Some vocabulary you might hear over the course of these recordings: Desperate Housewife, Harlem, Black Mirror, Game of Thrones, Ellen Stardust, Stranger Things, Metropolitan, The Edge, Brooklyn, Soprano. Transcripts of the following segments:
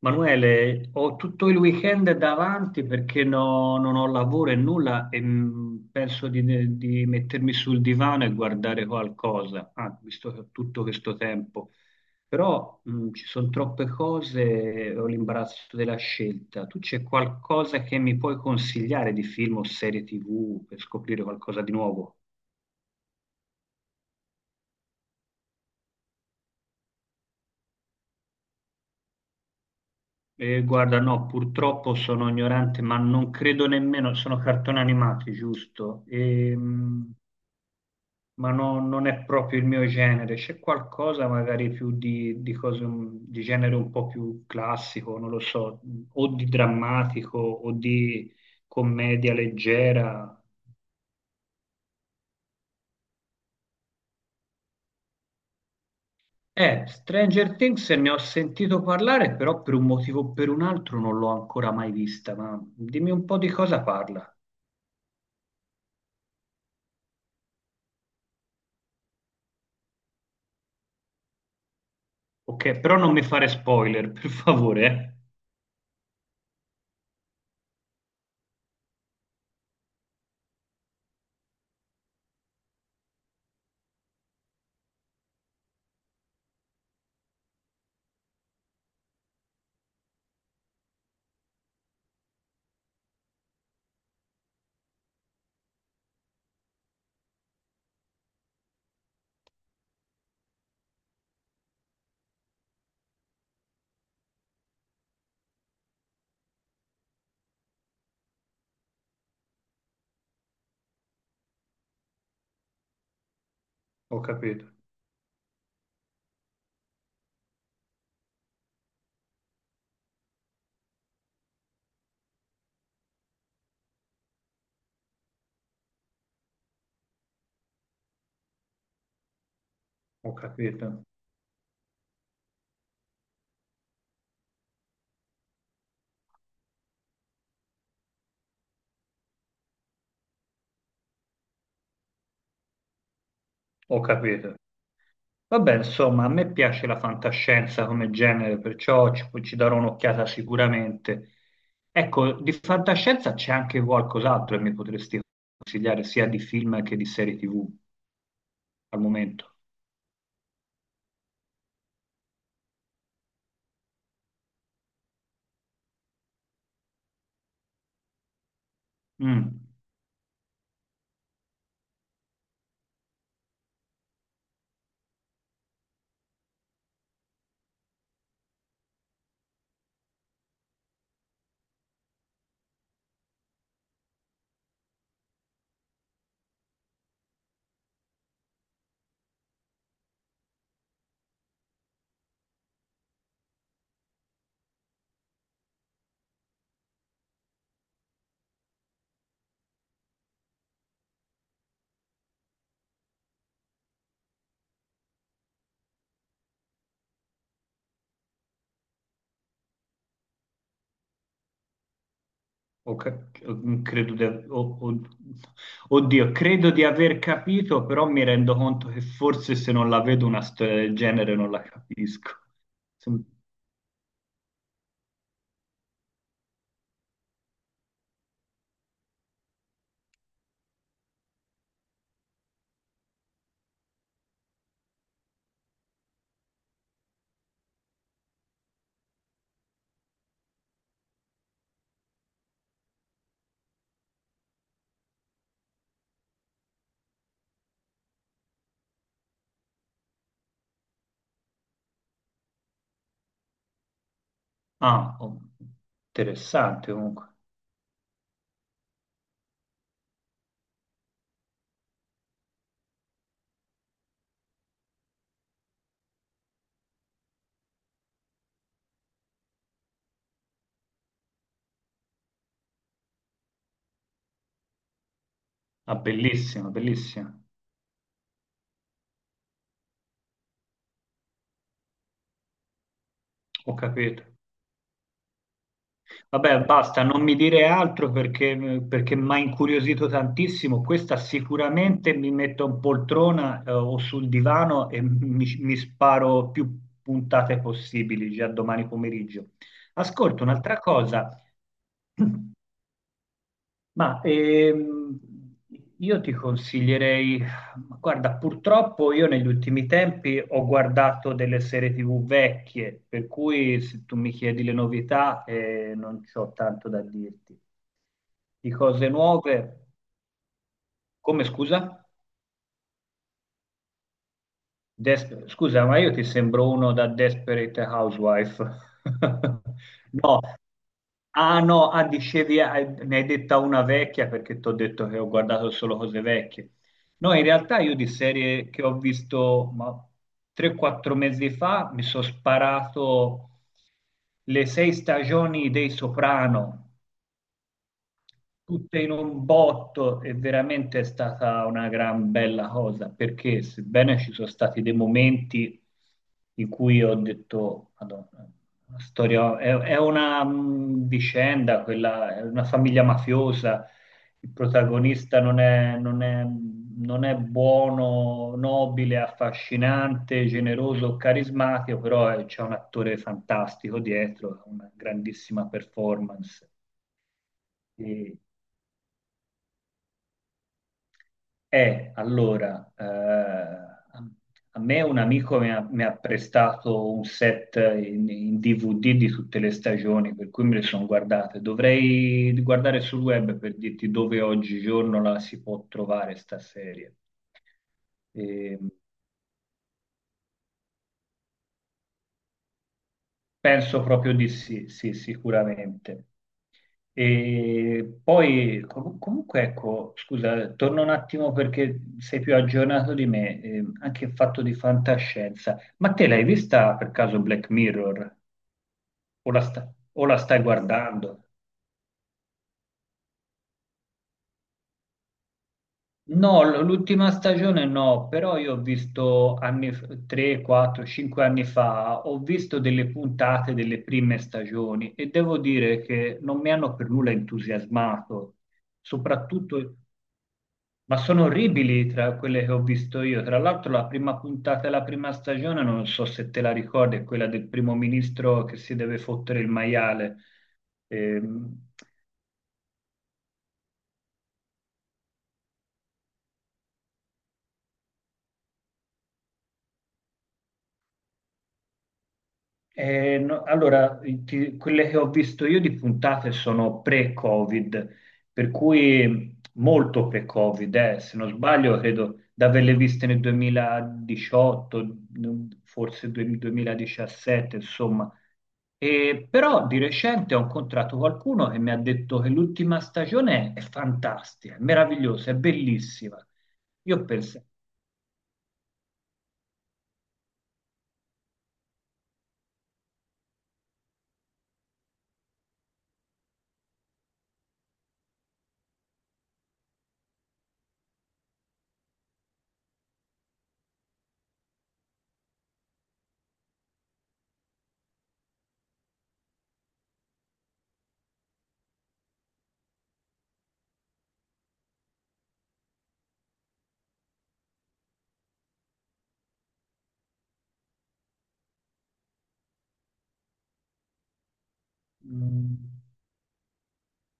Manuele, ho tutto il weekend davanti perché non ho lavoro e nulla e penso di mettermi sul divano e guardare qualcosa, ah, visto che ho tutto questo tempo. Però ci sono troppe cose e ho l'imbarazzo della scelta. Tu c'è qualcosa che mi puoi consigliare di film o serie TV per scoprire qualcosa di nuovo? Guarda, no, purtroppo sono ignorante, ma non credo nemmeno, sono cartoni animati, giusto? Ma non è proprio il mio genere. C'è qualcosa magari più di cose, di genere un po' più classico, non lo so, o di drammatico o di commedia leggera. Stranger Things ne ho sentito parlare, però per un motivo o per un altro non l'ho ancora mai vista, ma dimmi un po' di cosa parla. Ok, però non mi fare spoiler, per favore, eh. Ho capito, ho capito, ho capito. Vabbè, insomma, a me piace la fantascienza come genere, perciò ci darò un'occhiata sicuramente. Ecco, di fantascienza c'è anche qualcos'altro che mi potresti consigliare, sia di film che di serie TV al momento. Mm, ok, mm, credo di, o- oddio, credo di aver capito, però mi rendo conto che forse se non la vedo una storia del genere non la capisco. Sem- Ah, oh, interessante comunque. Ah, bellissima, bellissima. Ho capito. Vabbè, basta, non mi dire altro perché, perché mi ha incuriosito tantissimo. Questa sicuramente mi metto in poltrona, o sul divano e mi sparo più puntate possibili già domani pomeriggio. Ascolta, un'altra cosa, ma io ti consiglierei, ma guarda, purtroppo io negli ultimi tempi ho guardato delle serie TV vecchie, per cui se tu mi chiedi le novità non c'ho tanto da dirti. Di cose nuove, come scusa? Scusa, ma io ti sembro uno da Desperate Housewife. No, ah no, ah, dicevi, ah, ne hai detta una vecchia perché ti ho detto che ho guardato solo cose vecchie. No, in realtà io di serie che ho visto ma, 3-4 mesi fa mi sono sparato le 6 stagioni dei Soprano tutte in un botto e veramente è stata una gran bella cosa perché sebbene ci sono stati dei momenti in cui ho detto, Madonna, la storia è una vicenda, quella, è una famiglia mafiosa, il protagonista non è, non è buono, nobile, affascinante, generoso, carismatico, però c'è un attore fantastico dietro, una grandissima performance. E eh, allora, a me un amico mi ha prestato un set in DVD di tutte le stagioni, per cui me le sono guardate. Dovrei guardare sul web per dirti dove oggigiorno la si può trovare sta serie. Eh, penso proprio di sì, sì, sicuramente. E poi comunque ecco, scusa, torno un attimo perché sei più aggiornato di me, anche il fatto di fantascienza. Ma te l'hai vista per caso Black Mirror? O la, sta- o la stai guardando? No, l'ultima stagione no, però io ho visto anni, 3, 4, 5 anni fa, ho visto delle puntate delle prime stagioni e devo dire che non mi hanno per nulla entusiasmato, soprattutto... Ma sono orribili tra quelle che ho visto io. Tra l'altro, la prima puntata della prima stagione, non so se te la ricordi, è quella del primo ministro che si deve fottere il maiale. Ehm, no, allora, quelle che ho visto io di puntate sono pre-Covid, per cui molto pre-Covid, se non sbaglio, credo di averle viste nel 2018, forse 2017, insomma. E però di recente ho incontrato qualcuno che mi ha detto che l'ultima stagione è fantastica, è meravigliosa, è bellissima. Io penso,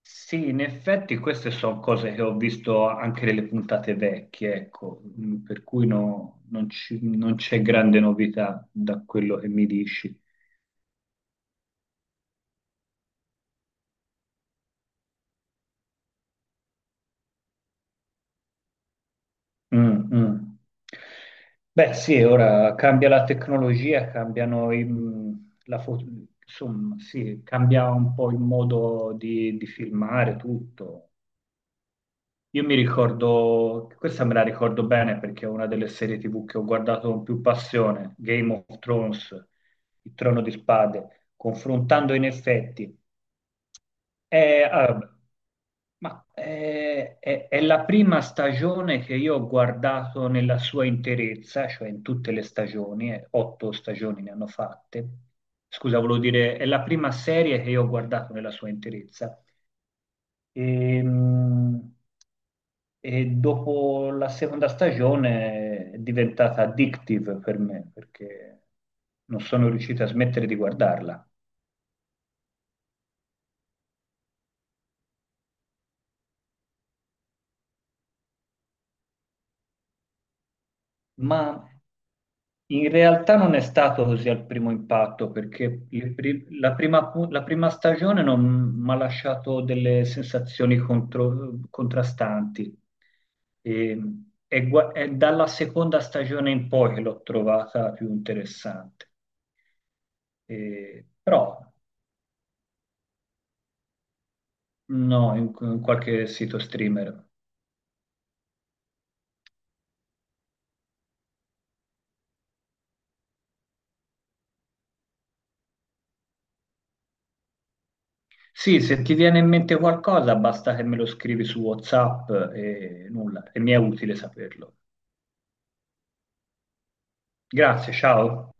sì, in effetti queste sono cose che ho visto anche nelle puntate vecchie, ecco, mm, per cui non non c'è grande novità da quello che mi dici. Mm, mm. Beh, sì, ora cambia la tecnologia, cambiano la foto, insomma, sì, cambia un po' il modo di filmare tutto. Io mi ricordo, questa me la ricordo bene perché è una delle serie TV che ho guardato con più passione, Game of Thrones, il Trono di Spade, confrontando in effetti. È, ah, ma è, è la prima stagione che io ho guardato nella sua interezza, cioè in tutte le stagioni, 8 stagioni ne hanno fatte. Scusa, volevo dire, è la prima serie che io ho guardato nella sua interezza e, mh, e dopo la seconda stagione è diventata addictive per me perché non sono riuscito a smettere di guardarla. Ma in realtà non è stato così al primo impatto perché il pri- la prima, pu- la prima stagione non mi ha lasciato delle sensazioni contrastanti. Ehm, E, è, è dalla seconda stagione in poi che l'ho trovata più interessante. Però no, in qualche sito streamer. Sì, se ti viene in mente qualcosa, basta che me lo scrivi su WhatsApp e nulla, e mi è utile saperlo. Grazie, ciao.